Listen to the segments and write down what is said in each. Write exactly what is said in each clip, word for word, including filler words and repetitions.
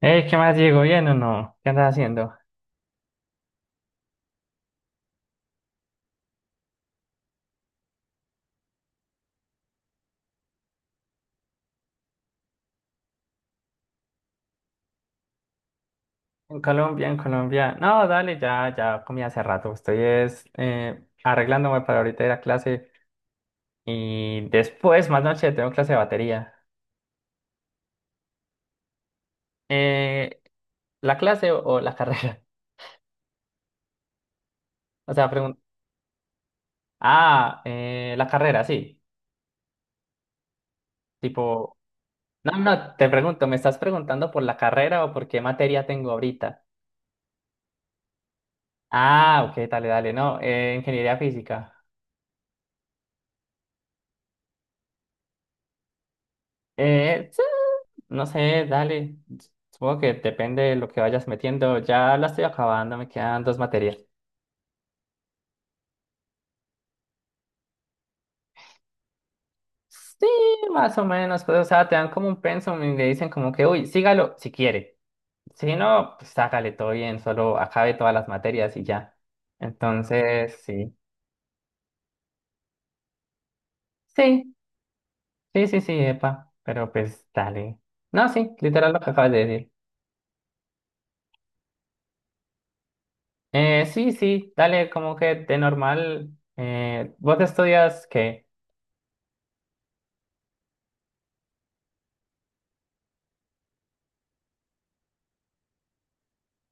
Eh, ¿qué más, Diego? ¿Bien o no? ¿Qué andas haciendo? En Colombia, en Colombia. No, dale, ya, ya comí hace rato. Estoy es, eh, arreglándome para ahorita ir a clase y después, más noche, tengo clase de batería. Eh, ¿La clase o, o la carrera? O sea, pregunto. Ah, eh, la carrera, sí. Tipo, no, no, te pregunto, ¿me estás preguntando por la carrera o por qué materia tengo ahorita? Ah, ok, dale, dale, no, eh, ingeniería física. Eh, No sé, dale. Supongo que depende de lo que vayas metiendo. Ya la estoy acabando, me quedan dos materias. Sí, más o menos. Pues, o sea, te dan como un pensum y le dicen como que, uy, sígalo si quiere. Si no, pues hágale todo bien, solo acabe todas las materias y ya. Entonces, sí. Sí, sí, sí, sí, epa. Pero pues dale. No, sí, literal lo que acabas de decir. Eh, sí, sí, dale, como que de normal. Eh, ¿vos estudias qué?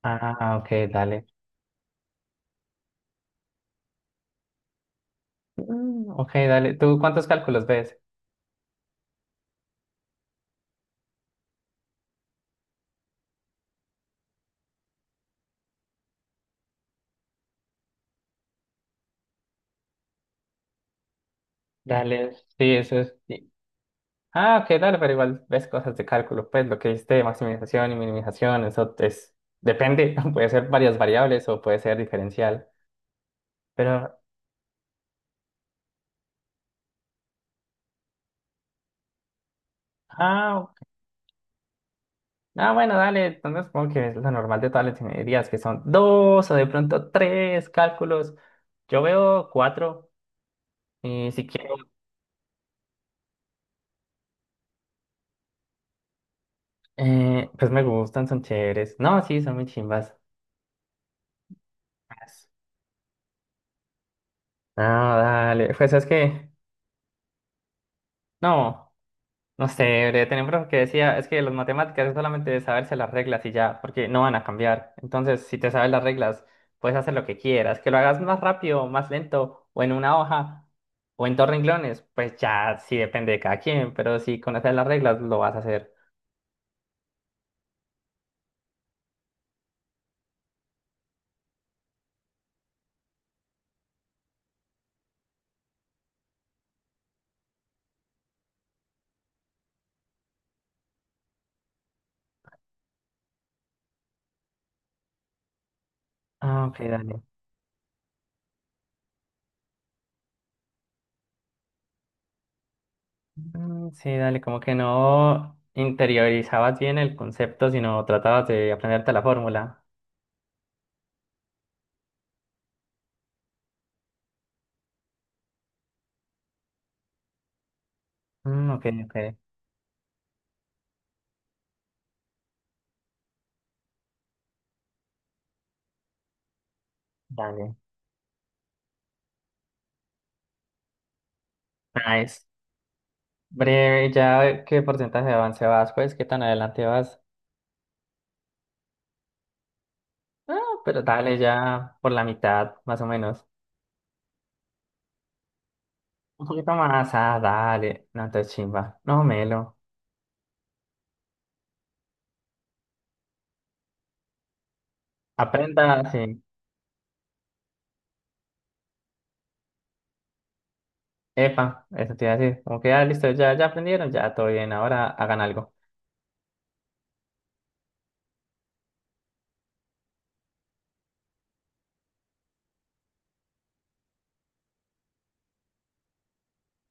Ah, ok, dale. Mm, ok, dale. ¿Tú cuántos cálculos ves? Dale, sí, eso es, sí. Ah, ok, dale, pero igual ves cosas de cálculo. Pues lo que viste de maximización y minimización, eso es. Depende, puede ser varias variables o puede ser diferencial. Pero, ah, ok. Ah, bueno, dale. Entonces supongo que es lo normal de todas las ingenierías, que son dos o de pronto tres cálculos. Yo veo cuatro. Y si quiero, eh, pues me gustan, son chéveres. No, sí, son muy chimbas. No, dale. Pues es que. No. No sé, breve, tenía un profe que decía, es que las matemáticas es solamente de saberse las reglas y ya, porque no van a cambiar. Entonces, si te sabes las reglas, puedes hacer lo que quieras, que lo hagas más rápido, más lento, o en una hoja, o en dos renglones, pues ya sí depende de cada quien, pero si conoces las reglas, lo vas a hacer. Ah, ok, dale. Mm, sí, dale, como que no interiorizabas bien el concepto, sino tratabas de aprenderte la fórmula. Mm, ok, ok, dale. Nice. Breve, ya qué porcentaje de avance vas, pues, qué tan adelante vas. Ah, pero dale, ya por la mitad, más o menos. Un poquito más, ah, dale. No te chimba, no melo. Aprenda, sí. Epa, eso te iba a decir. Como que ya listo, ya, ya aprendieron, ya todo bien, ahora hagan algo.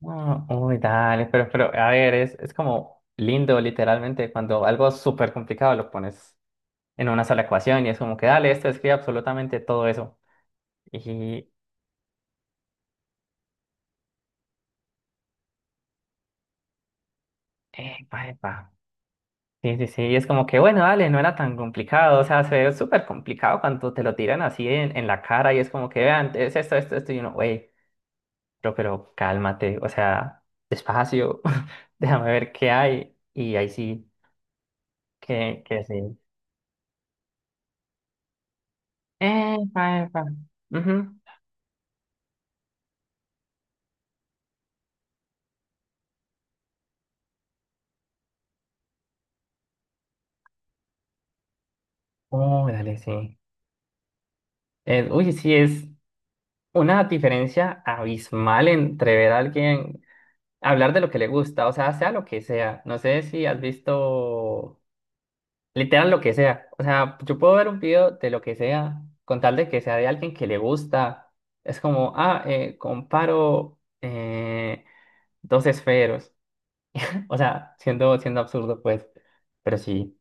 Ah, uy, dale, pero, pero, a ver, es, es como lindo, literalmente, cuando algo súper complicado lo pones en una sola ecuación y es como que dale, esto escribe absolutamente todo eso. Y, epa, epa. Sí, sí, sí, es como que bueno, dale, no era tan complicado, o sea, se ve súper complicado cuando te lo tiran así en, en la cara y es como que vean, es esto, esto, esto, y uno, güey, pero, pero cálmate, o sea, despacio, déjame ver qué hay, y ahí sí, que, que sí. Eh, pa, eh, pa. Ujú. Oh, dale, sí. Eh, uy, sí, es una diferencia abismal entre ver a alguien hablar de lo que le gusta, o sea, sea lo que sea. No sé si has visto. Literal lo que sea. O sea, yo puedo ver un video de lo que sea, con tal de que sea de alguien que le gusta. Es como, ah, eh, comparo eh, dos esferos. O sea, siendo, siendo absurdo, pues. Pero sí.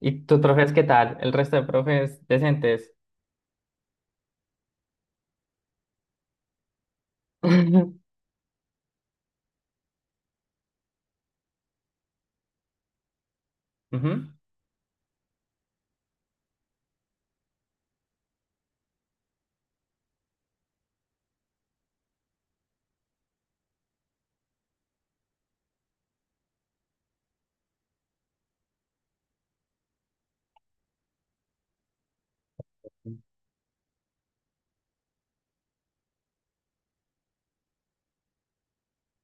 ¿Y tus profes qué tal? ¿El resto de profes decentes? Ujú.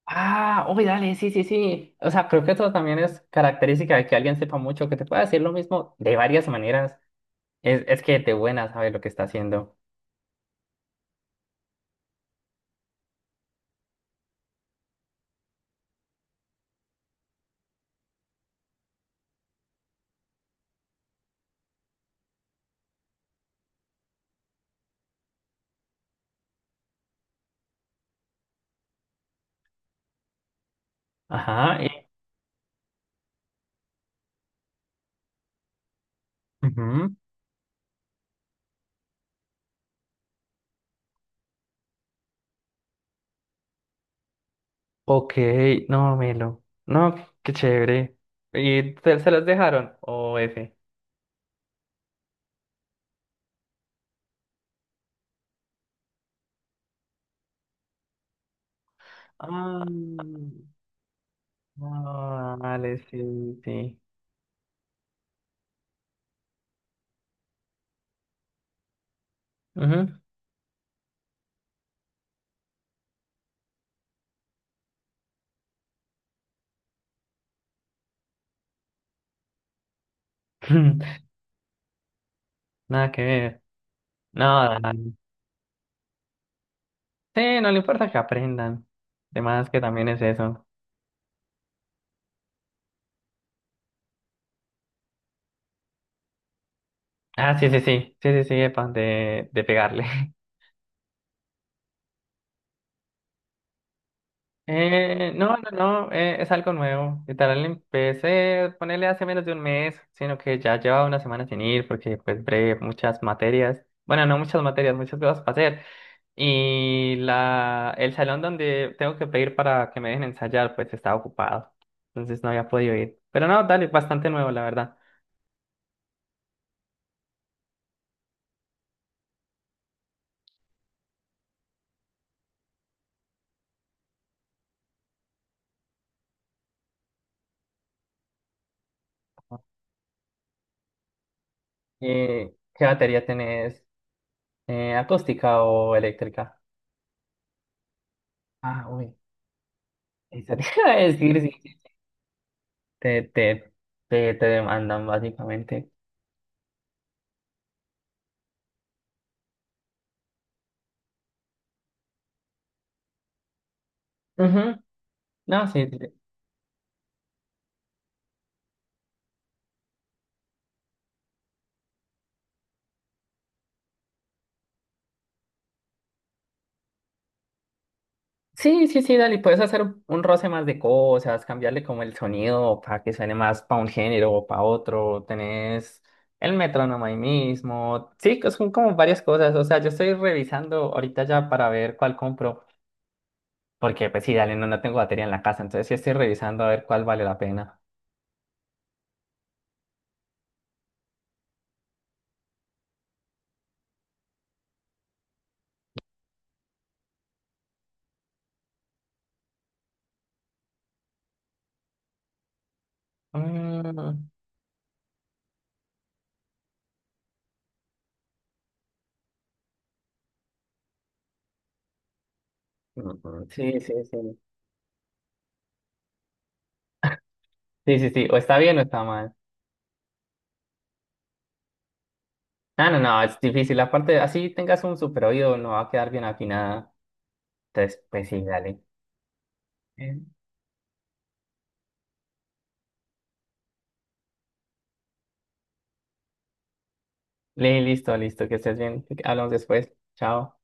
Ah, uy, dale, sí, sí, sí. O sea, creo que eso también es característica de que alguien sepa mucho, que te pueda decir lo mismo de varias maneras. Es, es que de buena sabe lo que está haciendo. Ajá. Y- ujú. Ok, no, melo. No, qué chévere. ¿Y te- se las dejaron? ¿O F? Ah, ah, vale, sí, sí. Ujú. Nada que ver. No, dale. Sí, no le importa que aprendan. Además que también es eso. Ah, sí, sí, sí. Sí, sí, sí, epa, de, de pegarle. Eh, no, no, no, eh, es algo nuevo. Literal, empecé a ponerle hace menos de un mes, sino que ya llevaba una semana sin ir porque pues breve, muchas materias. Bueno, no muchas materias, muchas cosas para hacer. Y la, el salón donde tengo que pedir para que me dejen ensayar, pues estaba ocupado. Entonces no había podido ir. Pero no, dale, bastante nuevo, la verdad. Eh, ¿qué batería tenés? Eh, ¿acústica o eléctrica? Ah, uy, eso te iba a sí, decir, sí, te, te, te, te demandan básicamente. Ujú. No, sí, sí, sí, sí, sí, dale, puedes hacer un roce más de cosas, cambiarle como el sonido para que suene más para un género o para otro, tenés el metrónomo ahí mismo, sí, que son como varias cosas, o sea, yo estoy revisando ahorita ya para ver cuál compro, porque pues sí, dale, no, no tengo batería en la casa, entonces sí estoy revisando a ver cuál vale la pena. Mm, mm, sí, sí, sí. Sí, sí, sí, o está bien o está mal. No, no, no, es difícil. Aparte, así tengas un super oído, no va a quedar bien afinada. Entonces, pues sí, dale. Eh, Li- listo, listo, que estés bien. Hablamos después. Chao.